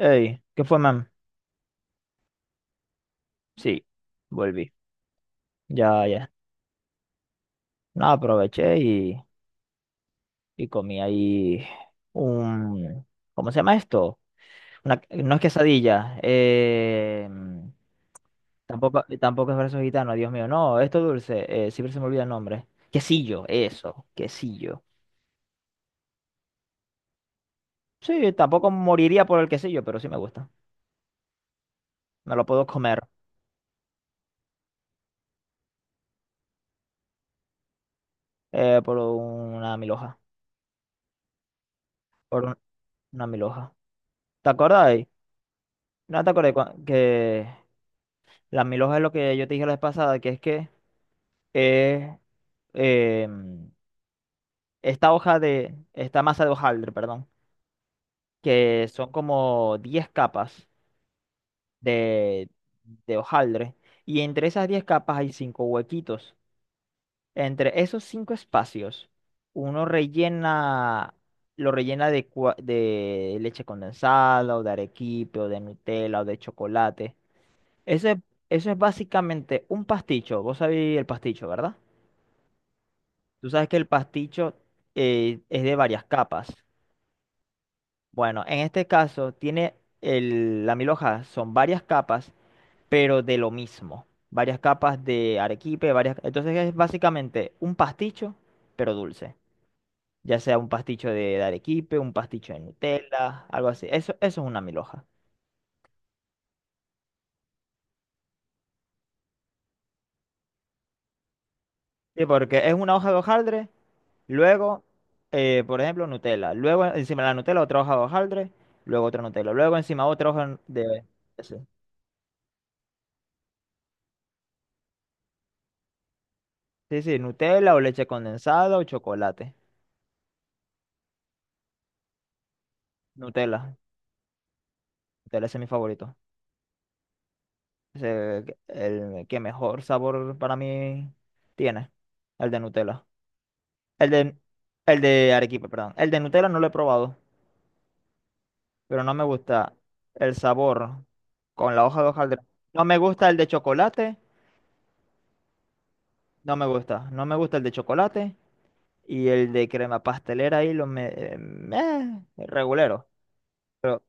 Ey, ¿qué fue, man? Sí, volví. Ya, ya. No, aproveché y comí ahí un... ¿Cómo se llama esto? Una, no es quesadilla. Tampoco, tampoco es verso gitano, Dios mío. No, esto dulce. Siempre se me olvida el nombre. Quesillo, eso. Quesillo. Sí, tampoco moriría por el quesillo, pero sí me gusta. Me lo puedo comer por una milhoja. Por un- una milhoja. ¿Te acordáis? No te acordé que... Las mil hojas es lo que yo te dije la vez pasada, que es em, esta hoja de, esta masa de hojaldre, perdón, que son como 10 capas de, de hojaldre, y entre esas 10 capas hay cinco huequitos. Entre esos cinco espacios, uno rellena, lo rellena de leche condensada, o de arequipe, o de Nutella, o de chocolate. Eso es, eso es básicamente un pasticho. Vos sabéis el pasticho, ¿verdad? Tú sabes que el pasticho es de varias capas. Bueno, en este caso tiene el, la milhoja, son varias capas, pero de lo mismo. Varias capas de arequipe, varias... Entonces es básicamente un pasticho, pero dulce. Ya sea un pasticho de arequipe, un pasticho de Nutella, algo así. Eso es una milhoja. Sí, porque es una hoja de hojaldre, luego, por ejemplo, Nutella. Luego encima de la Nutella otra hoja de hojaldre, luego otra Nutella. Luego encima otra hoja de... Sí, sí, Nutella o leche condensada o chocolate. Nutella. Nutella ese es mi favorito. Es el que mejor sabor para mí tiene. El de Nutella. El de, el de Arequipa, perdón. El de Nutella no lo he probado, pero no me gusta el sabor con la hoja de hojaldre. No me gusta el de chocolate. No me gusta. No me gusta el de chocolate. Y el de crema pastelera ahí lo me... meh, regulero. Pero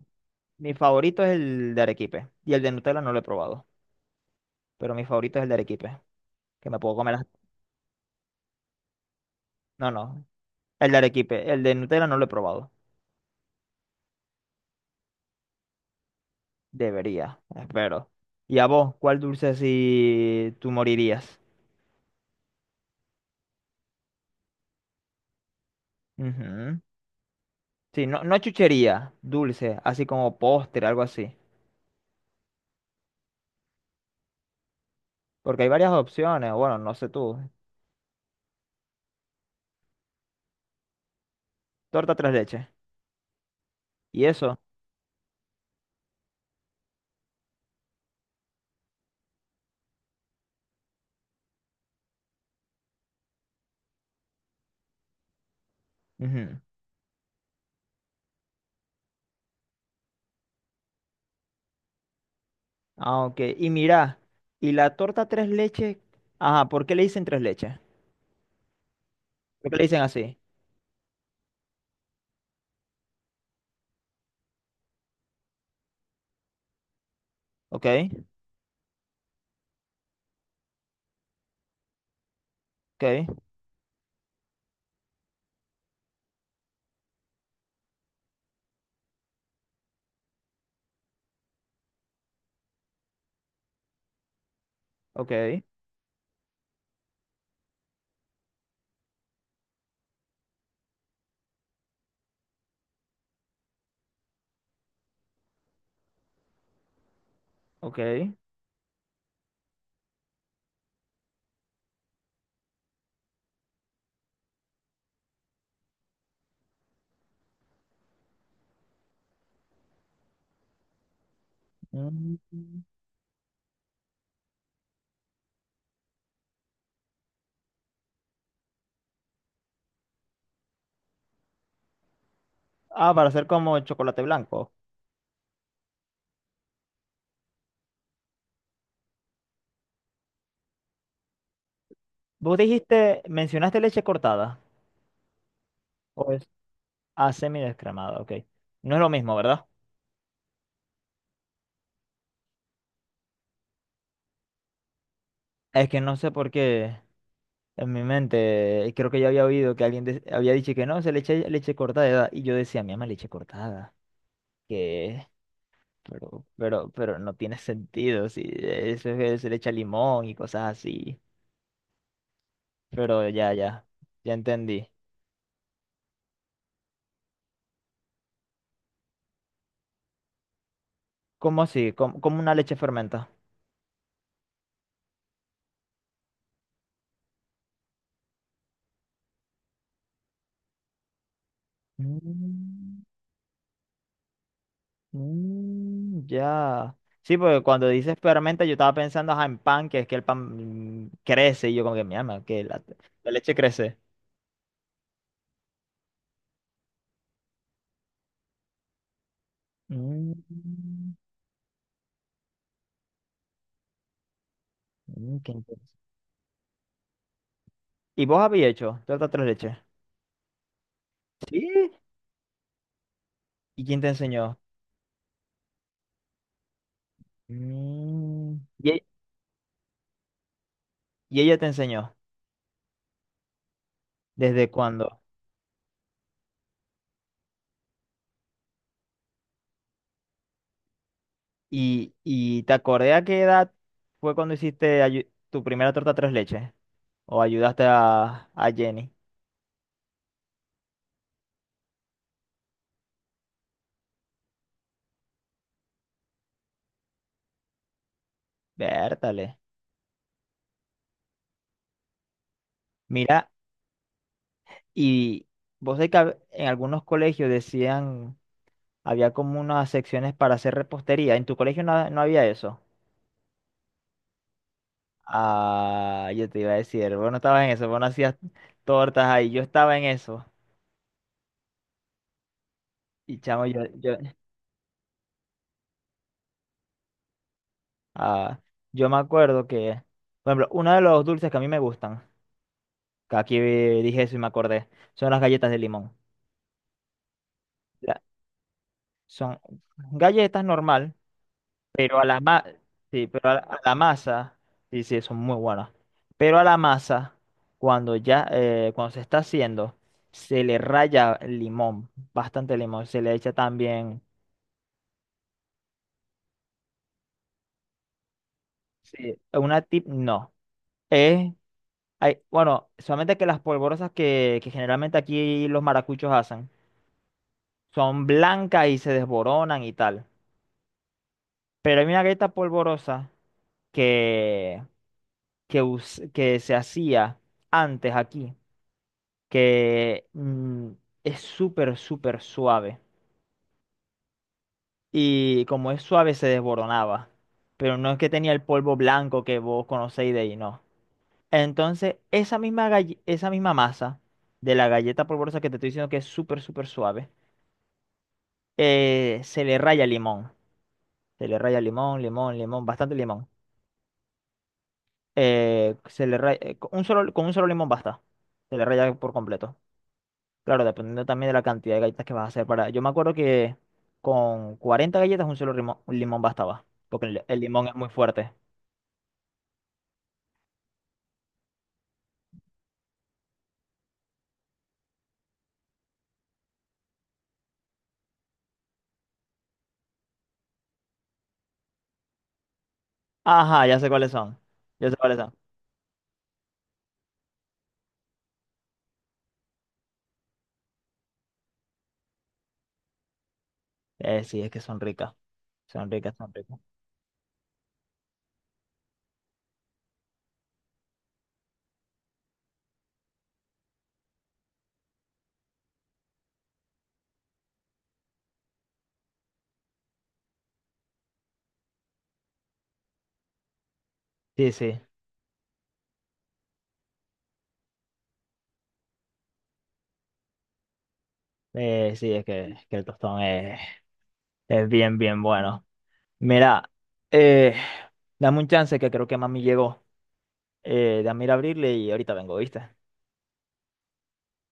mi favorito es el de Arequipe. Y el de Nutella no lo he probado. Pero mi favorito es el de Arequipe, que me puedo comer. No, no, el de Arequipe, el de Nutella no lo he probado. Debería, espero. ¿Y a vos, cuál dulce si tú morirías? Ujú. Sí, no, no chuchería, dulce, así como postre, algo así. Porque hay varias opciones, bueno, no sé tú. Torta tres leches. ¿Y eso? Ujú. Ah, ok. Y mira, ¿y la torta tres leches? Ajá, ¿por qué le dicen tres leches? ¿Por qué le dicen así? Ok, ok, ok, ok. Mm. Ah, para hacer como el chocolate blanco. Vos dijiste, mencionaste leche cortada. O es ah, semidescremada, ok. No es lo mismo, ¿verdad? Es que no sé por qué en mi mente, creo que yo había oído que había dicho que no, se le echa leche cortada. Y yo decía, mi ama, leche cortada. Que pero no tiene sentido. Si eso es que se le echa limón y cosas así. Pero ya, ya, ya entendí. ¿Cómo así? ¿Cómo, cómo una leche fermenta? Mm. Mm, ya. Sí, porque cuando dices fermenta, yo estaba pensando ajá, en pan, que es que el pan crece, y yo como que mi alma, que la leche crece. Mm, mm, qué interesante. ¿Y vos habías hecho torta tres leches? Sí. ¿Y quién te enseñó? Mm, ¿Y ella te enseñó? ¿Desde cuándo? ¿Y te acordé a qué edad fue cuando hiciste tu primera torta tres leches? ¿O ayudaste a Jenny? Vértale. Mira. Y vos sabés que en algunos colegios decían, había como unas secciones para hacer repostería. En tu colegio no, no había eso. Ah, yo te iba a decir, vos no estabas en eso, vos no hacías tortas ahí, yo estaba en eso. Y chamo, ah, yo me acuerdo que, por ejemplo, uno de los dulces que a mí me gustan, que aquí dije eso y me acordé, son las galletas de limón. La- Son galletas normal. Pero a la ma- sí, pero a la masa, sí, sí, son muy buenas. Pero a la masa, cuando ya, cuando se está haciendo, se le raya limón, bastante limón, se le echa también, sí, una tip, no. Es bueno, solamente que las polvorosas que generalmente aquí los maracuchos hacen, son blancas y se desboronan y tal. Pero hay una galleta polvorosa que, que que se hacía antes aquí. Que es súper, súper suave. Y como es suave, se desboronaba. Pero no es que tenía el polvo blanco que vos conocéis de ahí, no. Entonces, esa misma masa de la galleta polvorosa que te estoy diciendo que es súper, súper suave, se le raya limón. Se le raya limón, limón, limón, bastante limón. Se le raya, con un solo limón basta. Se le raya por completo. Claro, dependiendo también de la cantidad de galletas que vas a hacer para... Yo me acuerdo que con 40 galletas un solo limón, un limón bastaba, porque el limón es muy fuerte. Ajá, ya sé cuáles son. Ya sé cuáles son. Sí, es que son ricas. Son ricas, son ricas. Sí, sí. Sí, es que el tostón es bien, bien bueno. Mira, eh, dame un chance que creo que mami llegó. Dame ir a abrirle y ahorita vengo, ¿viste?